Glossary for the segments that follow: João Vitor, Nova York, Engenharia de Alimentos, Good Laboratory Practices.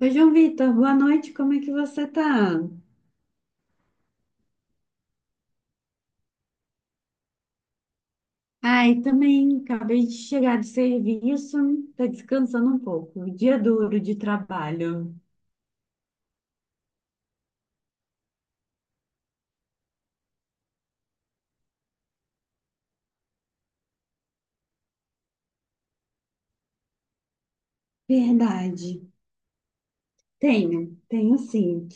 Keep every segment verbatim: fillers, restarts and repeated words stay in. Oi, João Vitor, boa noite, como é que você tá? Ai, também acabei de chegar do serviço, tá descansando um pouco. Dia duro de trabalho. Verdade. Tenho, tenho sim.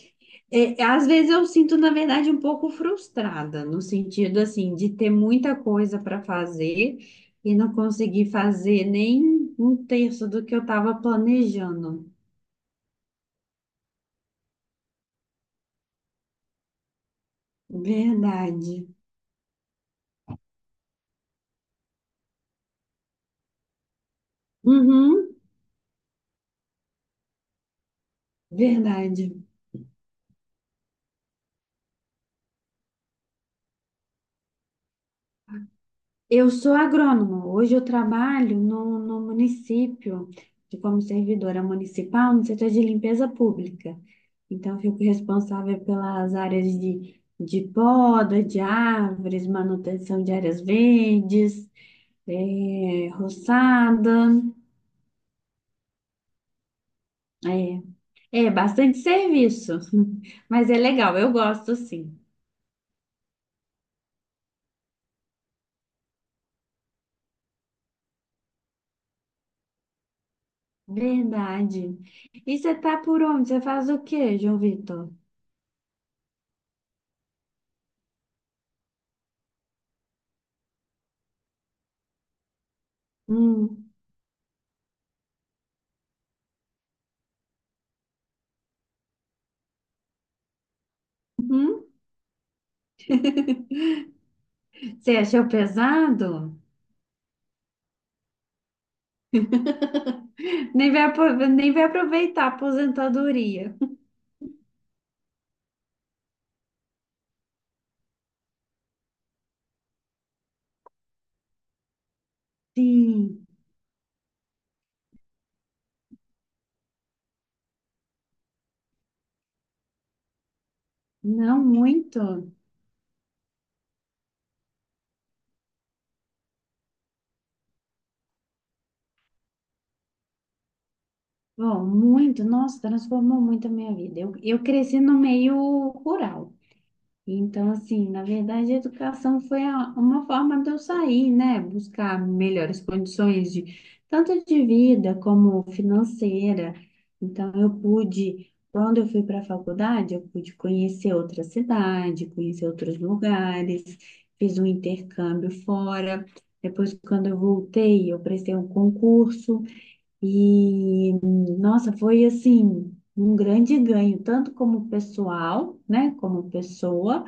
É, é, às vezes eu sinto, na verdade, um pouco frustrada, no sentido assim, de ter muita coisa para fazer e não conseguir fazer nem um terço do que eu estava planejando. Verdade. Uhum, verdade. Eu sou agrônoma. Hoje eu trabalho no, no município, de- como servidora municipal, no setor de limpeza pública. Então, eu fico responsável pelas áreas de, de poda, de árvores, manutenção de áreas verdes, eh, roçada. É, é bastante serviço, mas é legal, eu gosto sim. Verdade. E você tá por onde? Você faz o quê, João Vitor? Hum. Uhum. Você achou pesado? Nem vai, apro- nem vai aproveitar a aposentadoria. Sim, não muito. Bom, muito. Nossa, transformou muito a minha vida. Eu, eu cresci no meio rural. Então, assim, na verdade, a educação foi a- uma forma de eu sair, né? Buscar melhores condições de tanto de vida como financeira. Então, eu pude, quando eu fui para a faculdade, eu pude conhecer outra cidade, conhecer outros lugares, fiz um intercâmbio fora. Depois, quando eu voltei, eu prestei um concurso e, nossa, foi assim, um grande ganho, tanto como pessoal, né? Como pessoa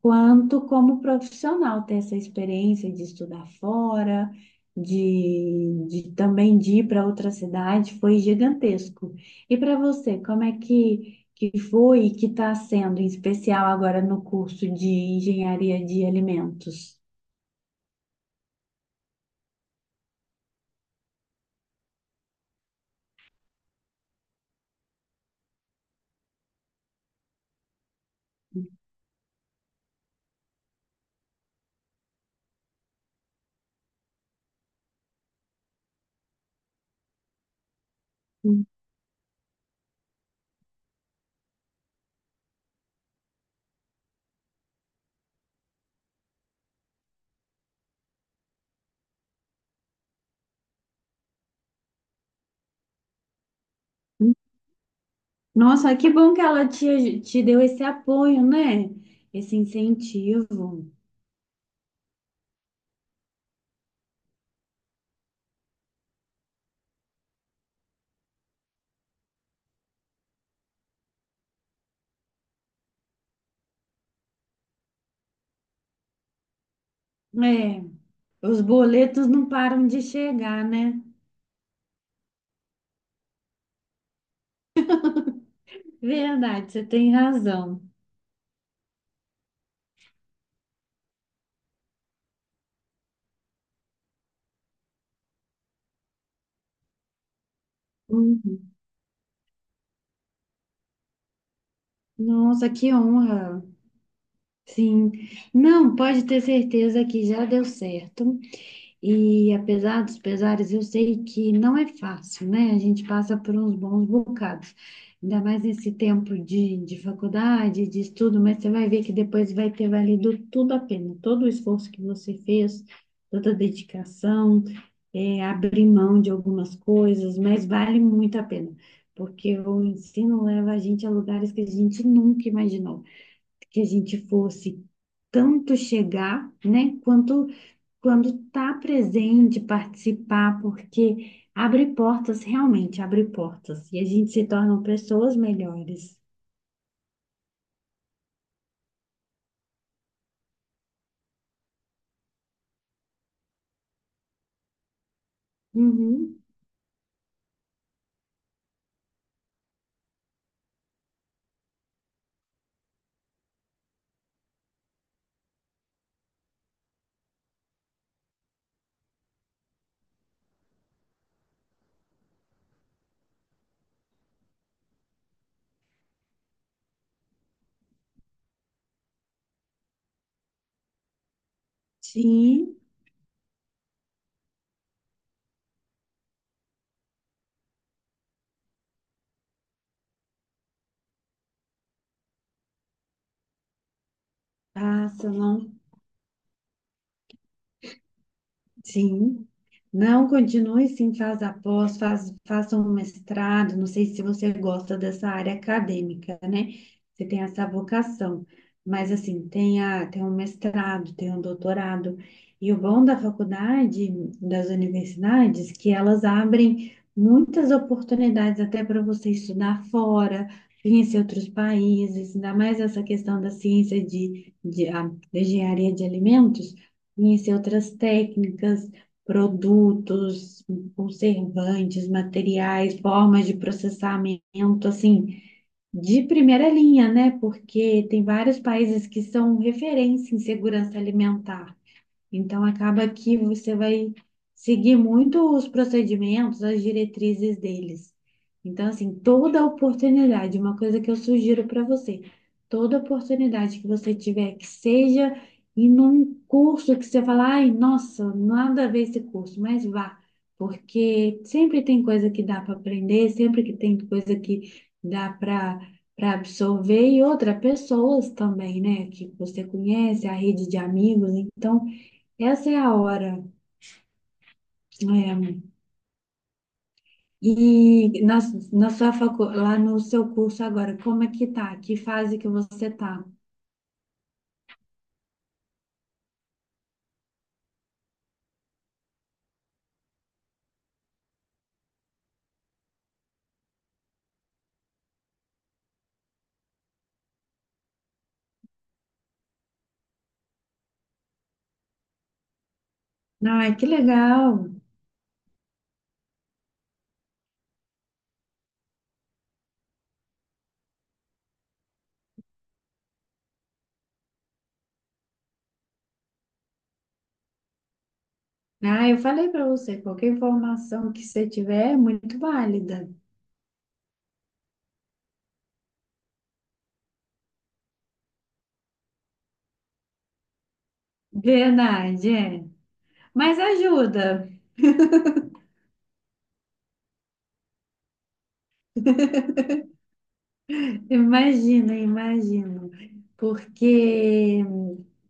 quanto como profissional ter essa experiência de estudar fora, de, de também de ir para outra cidade, foi gigantesco. E para você, como é que, que foi e que está sendo, em especial agora no curso de Engenharia de Alimentos? Uhum. Nossa, que bom que ela te, te deu esse apoio, né? Esse incentivo. É, os boletos não param de chegar, né? Verdade, você tem razão. Uhum. Nossa, que honra. Sim. Não, pode ter certeza que já deu certo. E apesar dos pesares, eu sei que não é fácil, né? A gente passa por uns bons bocados, ainda mais nesse tempo de, de faculdade, de estudo, mas você vai ver que depois vai ter valido tudo a pena, todo o esforço que você fez, toda a dedicação, é, abrir mão de algumas coisas, mas vale muito a pena, porque o ensino leva a gente a lugares que a gente nunca imaginou que a gente fosse tanto chegar, né, quanto quando está presente, participar, porque abre portas, realmente abre portas, e a gente se torna pessoas melhores. Uhum, sim, passa. Sim. Não continue sim, faz após, faz, faça um mestrado. Não sei se você gosta dessa área acadêmica, né? Você tem essa vocação. Mas assim, tenha, tenha um mestrado, tenha um doutorado. E o bom da faculdade, das universidades, que elas abrem muitas oportunidades até para você estudar fora, conhecer outros países, ainda mais essa questão da ciência de, de, a- da engenharia de alimentos conhecer outras técnicas, produtos, conservantes, materiais, formas de processamento, assim, de primeira linha, né? Porque tem vários países que são referência em segurança alimentar. Então, acaba que você vai seguir muito os procedimentos, as diretrizes deles. Então, assim, toda oportunidade, uma coisa que eu sugiro para você, toda oportunidade que você tiver, que seja em um curso que você fala, ai, nossa, nada a ver esse curso, mas vá, porque sempre tem coisa que dá para aprender, sempre que tem coisa que dá para para absorver e outras pessoas também, né, que você conhece, a rede de amigos, então essa é a hora. É. E na, na sua facu, lá no seu curso agora, como é que tá? Que fase que você tá? Ai, que legal! Ah, eu falei para você, qualquer informação que você tiver é muito válida. Verdade, é. Mas ajuda. Imagino, imagino. Porque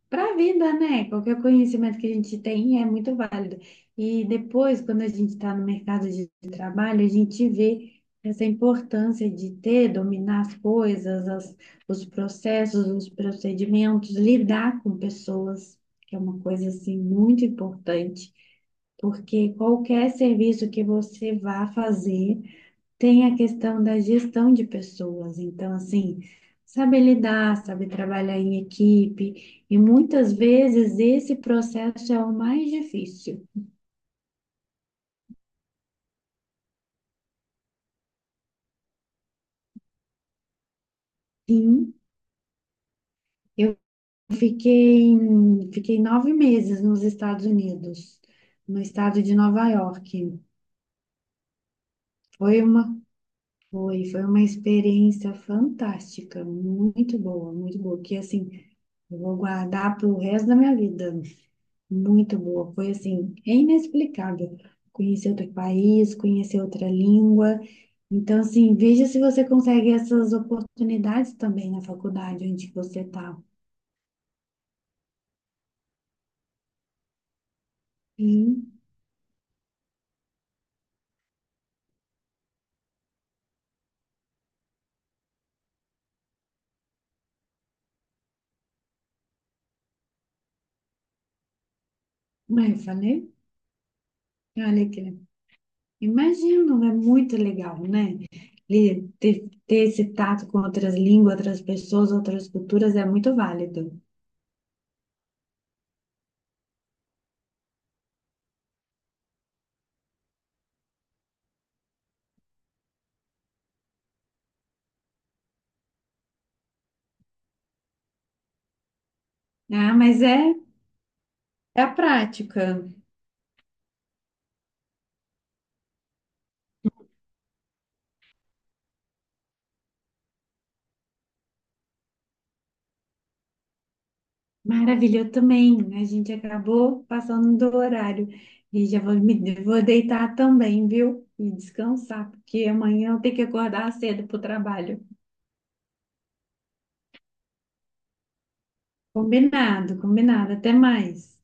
para a vida, né? Qualquer conhecimento que a gente tem é muito válido. E depois, quando a gente está no mercado de trabalho, a gente vê essa importância de ter, dominar as coisas, as- os processos, os procedimentos, lidar com pessoas, que é uma coisa assim muito importante. Porque qualquer serviço que você vá fazer, tem a questão da gestão de pessoas, então, assim, saber lidar, saber trabalhar em equipe, e muitas vezes esse processo é o mais difícil. Sim, eu fiquei, fiquei nove meses nos Estados Unidos, no estado de Nova York. Foi uma, foi, foi uma experiência fantástica, muito boa, muito boa, que assim, eu vou guardar para o resto da minha vida. Muito boa, foi assim, é inexplicável. Conhecer outro país, conhecer outra língua. Então, assim, veja se você consegue essas oportunidades também na faculdade onde você está. Sim, mas eu falei, olha que imagino, é muito legal, né? E Ter, ter esse tato com outras línguas, outras pessoas, outras culturas é muito válido. Ah, mas é, é a prática. Maravilha, eu também. A gente acabou passando do horário e já vou me vou deitar também, viu? E descansar, porque amanhã eu tenho que acordar cedo para o trabalho. Combinado, combinado. Até mais.